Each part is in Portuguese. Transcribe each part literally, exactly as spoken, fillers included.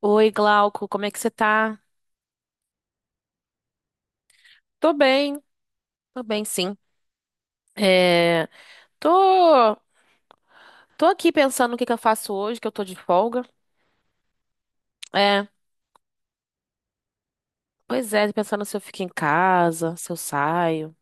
Oi, Glauco, como é que você tá? Tô bem, tô bem, sim. É, tô, tô aqui pensando o que que eu faço hoje, que eu tô de folga. É, pois é, pensando se eu fico em casa, se eu saio.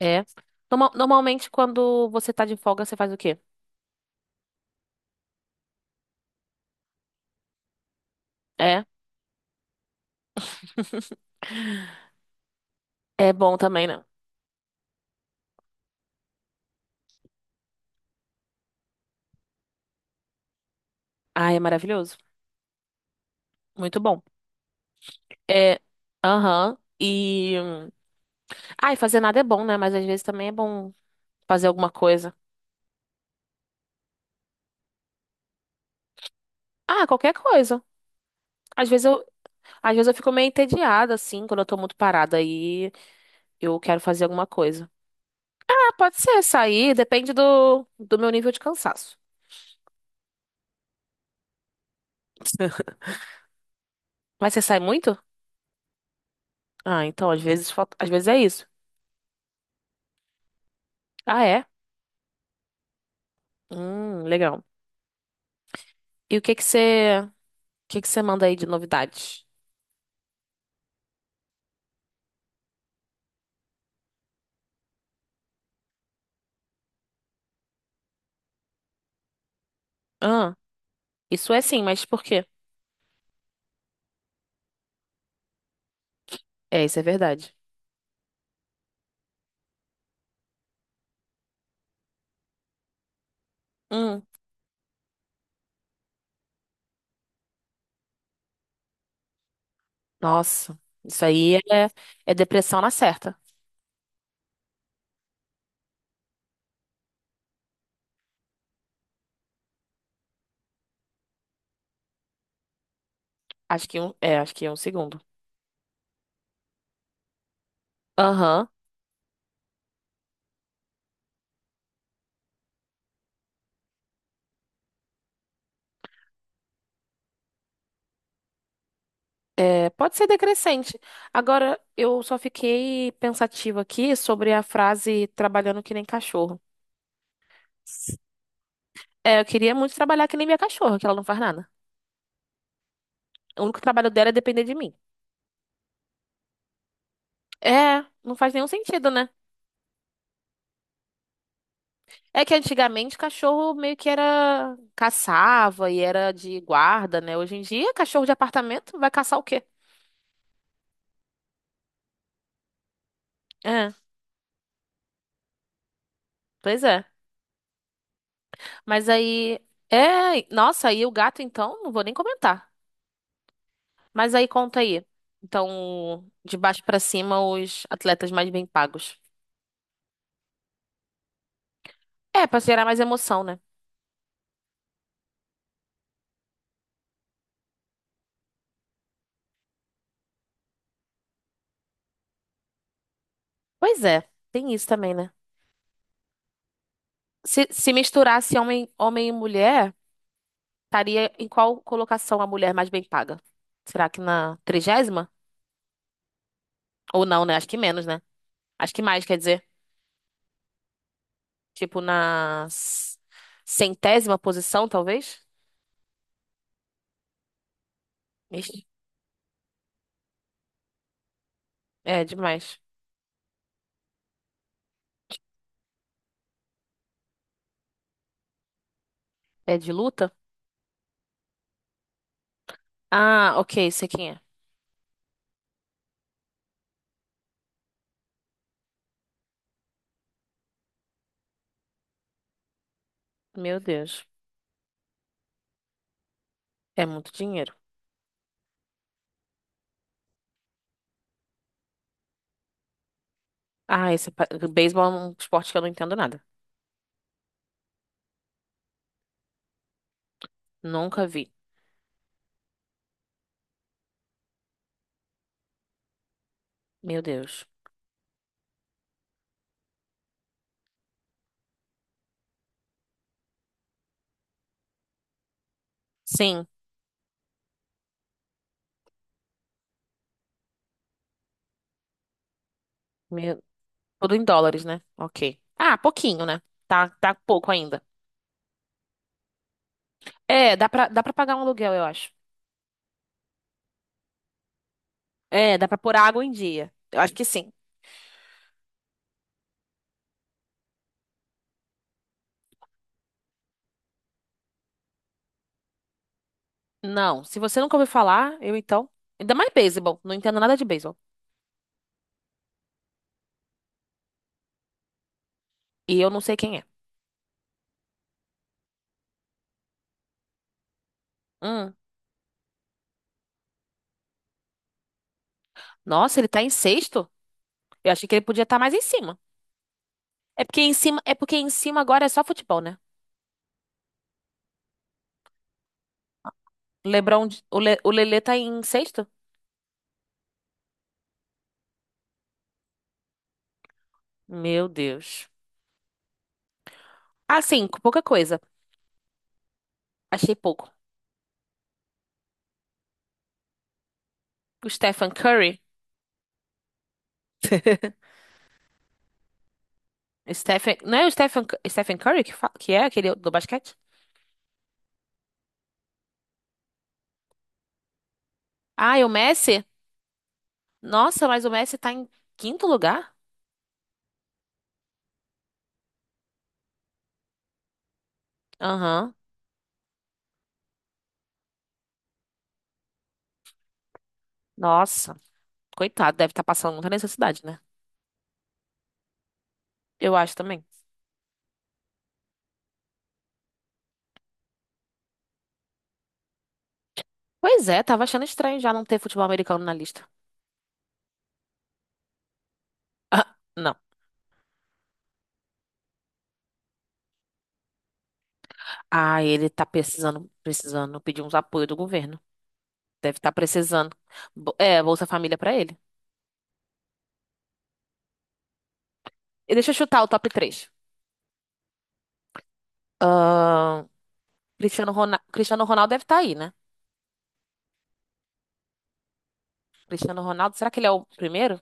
É. Norma- normalmente, quando você tá de folga, você faz o quê? É. É bom também, né? Ai, é maravilhoso. Muito bom. É, aham. E. Ai, fazer nada é bom, né? Mas às vezes também é bom fazer alguma coisa. Ah, qualquer coisa. Às vezes eu, Às vezes eu fico meio entediada, assim, quando eu tô muito parada aí, eu quero fazer alguma coisa. Ah, pode ser sair, depende do, do meu nível de cansaço. Mas você sai muito? Ah, então, às vezes, falta- às vezes é isso. Ah, é? Hum, legal. E o que que você, o que que você manda aí de novidades? Ah, isso é sim, mas por quê? É, isso é verdade. Hum, nossa, isso aí é, é depressão na certa. Acho que um, é, acho que é um segundo. Aham. É, pode ser decrescente. Agora, eu só fiquei pensativa aqui sobre a frase trabalhando que nem cachorro. É, eu queria muito trabalhar que nem minha cachorra, que ela não faz nada. O único trabalho dela é depender de mim. É, não faz nenhum sentido, né? É que antigamente cachorro meio que era caçava e era de guarda, né? Hoje em dia, cachorro de apartamento vai caçar o quê? É, pois é. Mas aí, é, nossa, aí o gato então, não vou nem comentar. Mas aí conta aí. Então, de baixo pra cima, os atletas mais bem pagos. É, pra gerar mais emoção, né? Pois é, tem isso também, né? Se, se misturasse homem, homem e mulher, estaria em qual colocação a mulher mais bem paga? Será que na trigésima? Ou não, né? Acho que menos, né? Acho que mais, quer dizer. Tipo, na s- centésima posição, talvez? Ixi, é demais. É de luta? Ah, ok, sei quem é. Meu Deus, é muito dinheiro. Ah, esse pa- beisebol é um esporte que eu não entendo nada. Nunca vi. Meu Deus. Sim, meu- tudo em dólares, né? Ok. Ah, pouquinho, né? Tá, tá pouco ainda. É, dá pra, dá pra pagar um aluguel, eu acho. É, dá pra pôr água em dia. Eu acho que sim. Não, se você nunca ouviu falar, eu então. Ainda mais beisebol. Não entendo nada de beisebol. E eu não sei quem é. Hum. Nossa, ele tá em sexto? Eu achei que ele podia estar mais em cima. É porque em cima, é porque em cima agora é só futebol, né? LeBron, o, Le, o Lelê tá em sexto? Meu Deus. Assim, pouca coisa. Achei pouco. O Stephen Curry. Stephen, não é o Stephen, Stephen Curry que, fa- que é aquele do basquete? Ah, e o Messi? Nossa, mas o Messi tá em quinto lugar? Aham. Nossa. Coitado, deve estar passando muita necessidade, né? Eu acho também. Pois é, tava achando estranho já não ter futebol americano na lista. Ah, não. Ah, ele tá precisando, precisando pedir uns apoio do governo. Deve estar precisando. Bo- É, Bolsa Família pra ele. E deixa eu chutar o top três. Cristiano Ronaldo, Cristiano Ronaldo deve estar aí, né? Cristiano Ronaldo, será que ele é o primeiro?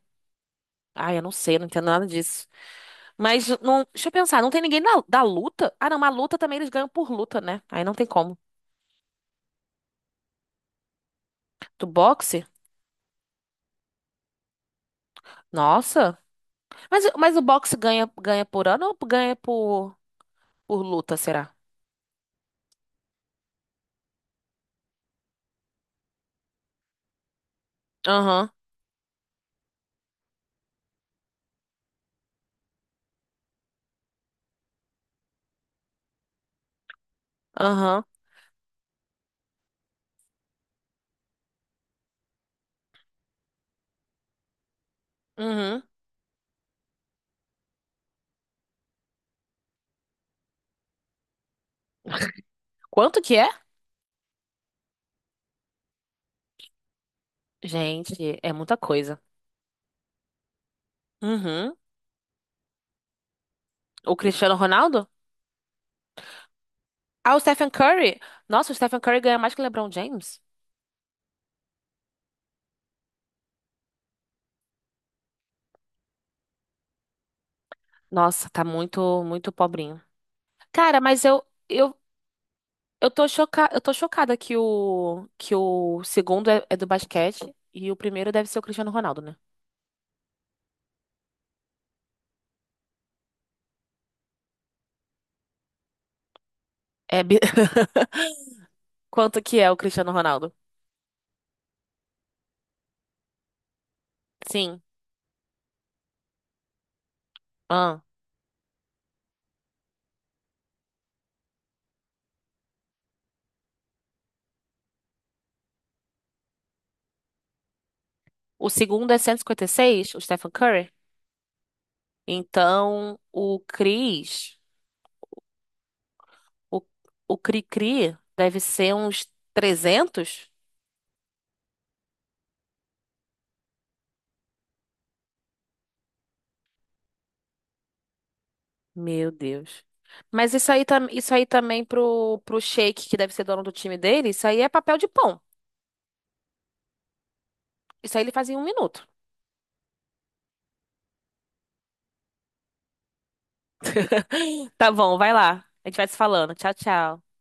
Ah, eu não sei, eu não entendo nada disso. Mas não, deixa eu pensar, não tem ninguém da, da luta? Ah, não, mas luta também eles ganham por luta, né? Aí não tem como. Do boxe? Nossa. Mas, mas o boxe ganha, ganha por ano ou ganha por, por luta, será? Aham, aham, uhum. Quanto que é? Gente, é muita coisa. Uhum. O Cristiano Ronaldo? Ah, o Stephen Curry. Nossa, o Stephen Curry ganha mais que o LeBron James. Nossa, tá muito, muito pobrinho. Cara, mas eu, eu, eu tô choca... eu tô chocada que o, que o segundo é, é do basquete e o primeiro deve ser o Cristiano Ronaldo, né? É bi- Quanto que é o Cristiano Ronaldo? Sim. Ah. O segundo é cento e cinquenta e seis, o Stephen Curry. Então, o Cris, o, o Cri-Cri deve ser uns trezentos. Meu Deus. Mas isso aí, tam- isso aí também pro, pro Sheik, que deve ser dono do time dele, isso aí é papel de pão. Isso aí ele faz em um minuto. Tá bom, vai lá. A gente vai se falando. Tchau, tchau.